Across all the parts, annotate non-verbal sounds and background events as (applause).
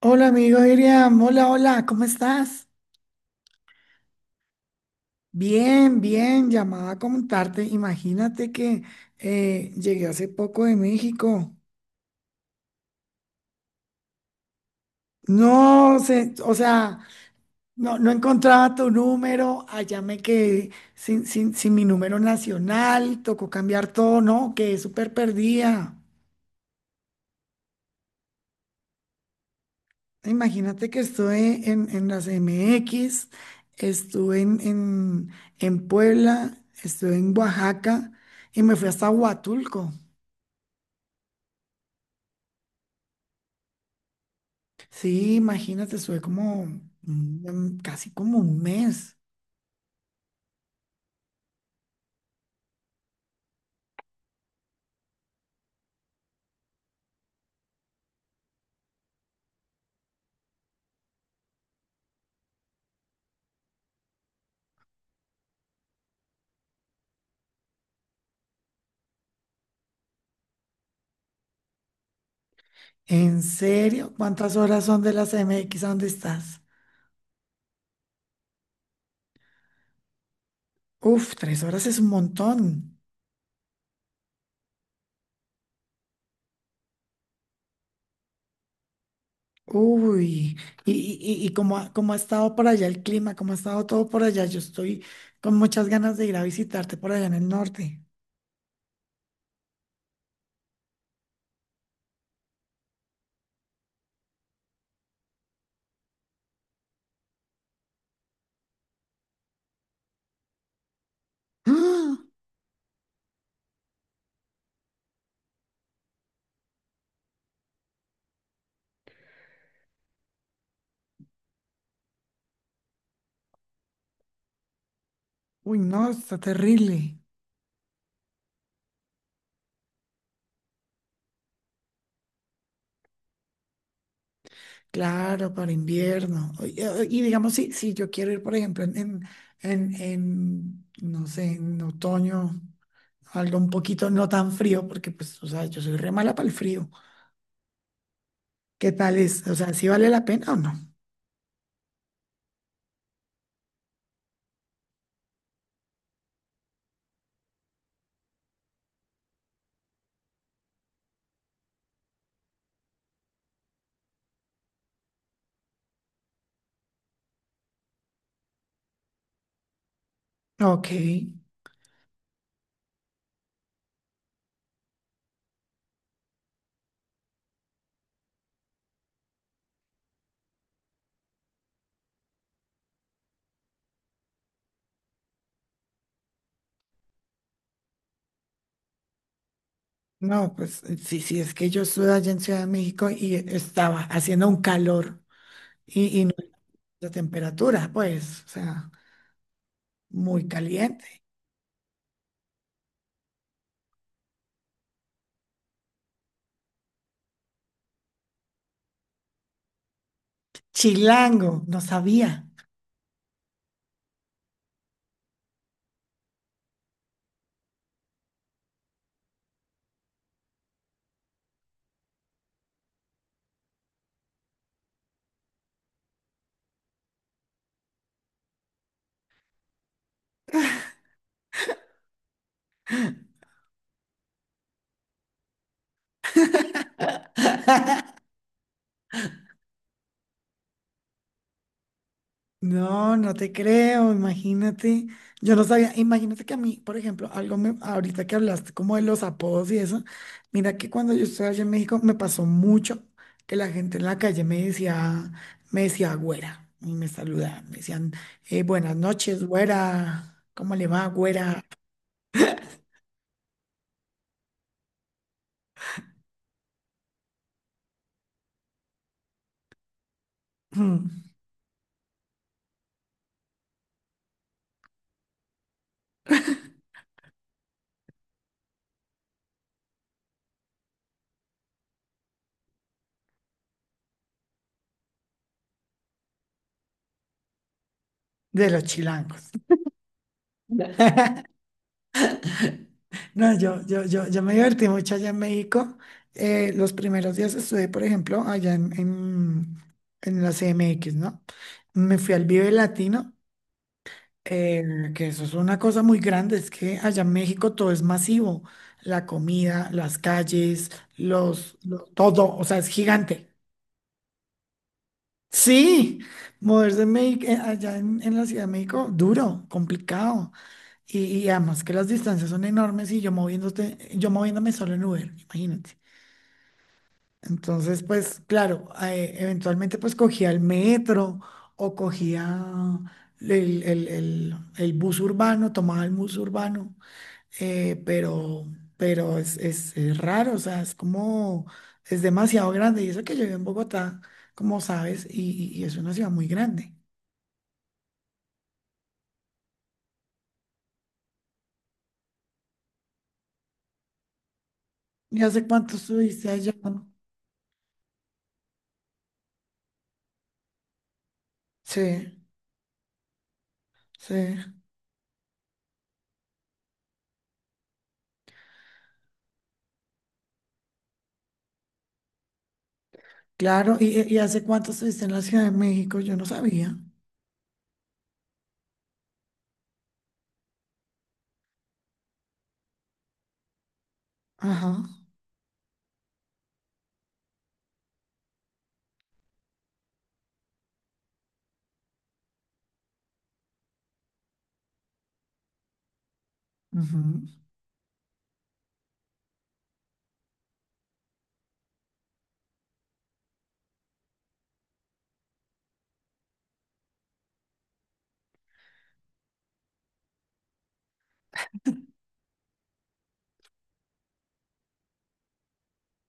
Hola amigo Iriam, hola, hola, ¿cómo estás? Bien, bien, llamaba a comentarte. Imagínate que llegué hace poco de México. No sé, o sea, no encontraba tu número, allá me quedé sin mi número nacional, tocó cambiar todo, no, quedé súper perdida. Imagínate que estuve en las MX, estuve en Puebla, estuve en Oaxaca y me fui hasta Huatulco. Sí, imagínate, estuve como casi como un mes. ¿En serio? ¿Cuántas horas son de las MX a dónde estás? Uf, 3 horas es un montón. Uy, y cómo, cómo ha estado por allá el clima, cómo ha estado todo por allá. Yo estoy con muchas ganas de ir a visitarte por allá en el norte. (gasps) ¡Ah! Uy, no, está terrible. Claro, para invierno. Y, digamos, si yo quiero ir, por ejemplo, en, no sé, en otoño, algo un poquito no tan frío, porque pues, o sea, yo soy re mala para el frío. ¿Qué tal es? O sea, ¿si vale la pena o no? Ok. No, pues sí, sí, es que yo estuve allá en Ciudad de México y estaba haciendo un calor y no la temperatura, pues, o sea, muy caliente. Chilango, no sabía. No, no te creo, imagínate. Yo no sabía, imagínate que a mí, por ejemplo, algo me, ahorita que hablaste como de los apodos y eso, mira que cuando yo estuve allá en México me pasó mucho que la gente en la calle me decía güera, y me saludaban, me decían, buenas noches, güera, ¿cómo le va, güera? (clears throat) Mm. De los chilangos. (laughs) No, yo me divertí mucho allá en México. Los primeros días estuve, por ejemplo, allá en la CMX, ¿no? Me fui al Vive Latino, que eso es una cosa muy grande, es que allá en México todo es masivo, la comida, las calles, todo, o sea, es gigante. Sí, moverse en allá en la Ciudad de México, duro, complicado. Y, y además que las distancias son enormes y yo moviéndote, yo moviéndome solo en Uber, imagínate. Entonces, pues claro, eventualmente pues cogía el metro o cogía el bus urbano, tomaba el bus urbano, eh, pero, pero, es raro, o sea, es como, es demasiado grande. Y eso que yo vivo en Bogotá, como sabes, y es una ciudad muy grande. ¿Y hace cuánto estuviste allá? Sí, sí, claro. ¿Y hace cuánto estuviste en la Ciudad de México? Yo no sabía. Ajá.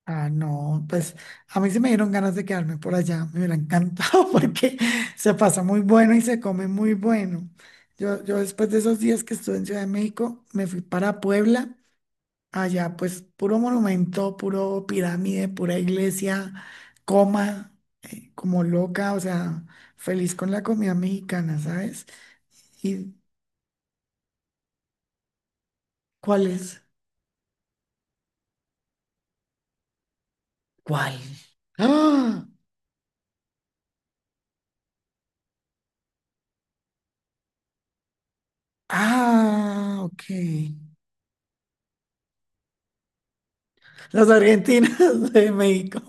Ah, no, pues a mí se me dieron ganas de quedarme por allá, me hubiera encantado (laughs) porque se pasa muy bueno y se come muy bueno. Yo después de esos días que estuve en Ciudad de México, me fui para Puebla, allá pues puro monumento, puro pirámide, pura iglesia, coma, como loca, o sea, feliz con la comida mexicana, ¿sabes? ¿Y cuál es? ¿Cuál? Ah, ah, ok. Los argentinos (laughs) de México.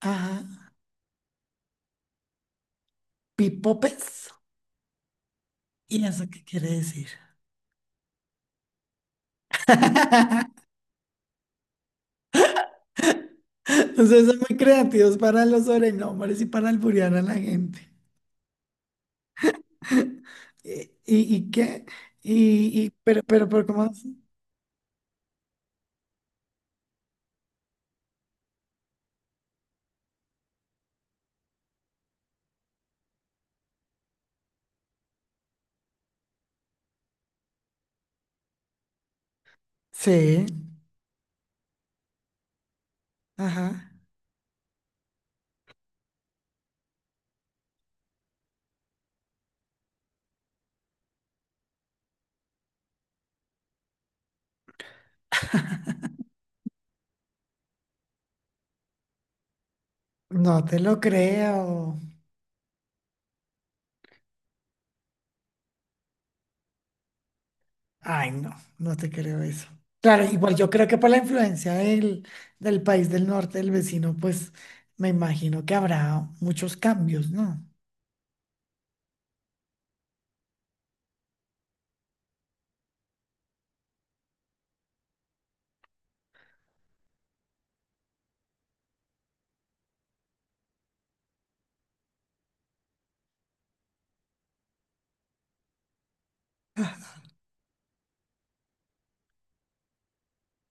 Ajá. Pipopes. ¿Y eso qué quiere decir? (laughs) O sea, son muy creativos para los sobrenombres y para alburear a la gente. ¿Y, y qué? Y- pero, ¿cómo? ¿así? Sí, ajá. No te lo creo. Ay, no, no te creo eso. Claro, igual yo creo que por la influencia del, del país del norte, del vecino, pues me imagino que habrá muchos cambios, ¿no?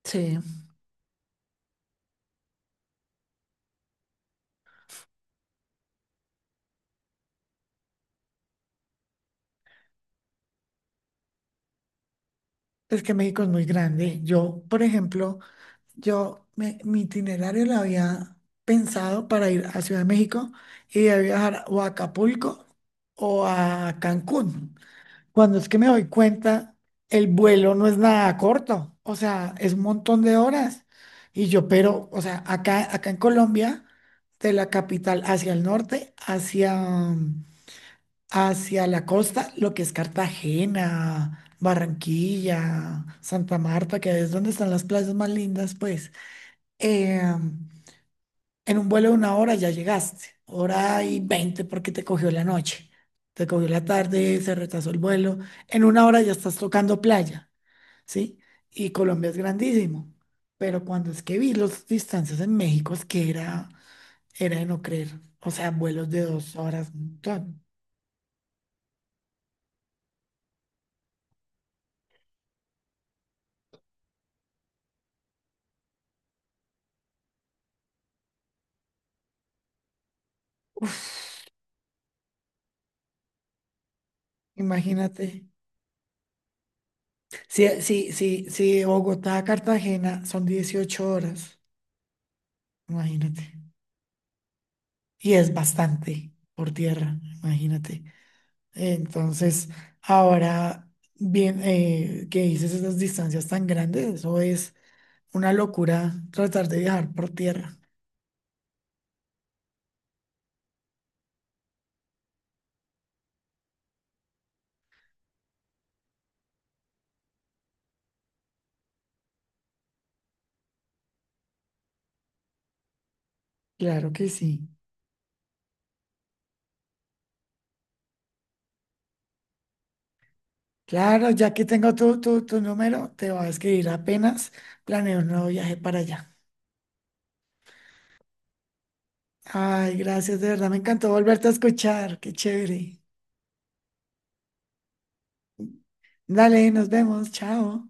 Sí, es que México es muy grande. Yo, por ejemplo, me- mi itinerario lo había pensado para ir a Ciudad de México y de ahí viajar o a Acapulco o a Cancún. Cuando es que me doy cuenta, el vuelo no es nada corto, o sea, es un montón de horas. Y yo, pero, o sea, acá, acá en Colombia, de la capital hacia el norte, hacia, mm, hacia la costa, lo que es Cartagena, Barranquilla, Santa Marta, que es donde están las playas más lindas, pues eh, en un vuelo de una hora ya llegaste, hora y 20 porque te cogió la noche, te cogió la tarde, se retrasó el vuelo, en una hora ya estás tocando playa, ¿sí? Y Colombia es grandísimo, pero cuando es que vi las distancias en México es que era, era de no creer, o sea, vuelos de 2 horas, un montón. Imagínate, si de Bogotá a Cartagena son 18 horas, imagínate, y es bastante por tierra, imagínate. Entonces, ahora, bien, que dices esas distancias tan grandes, eso es una locura tratar de viajar por tierra. Claro que sí. Claro, ya que tengo tu número, te voy a escribir apenas. Planeo un nuevo viaje para allá. Ay, gracias, de verdad, me encantó volverte a escuchar. Qué chévere. Dale, nos vemos. Chao.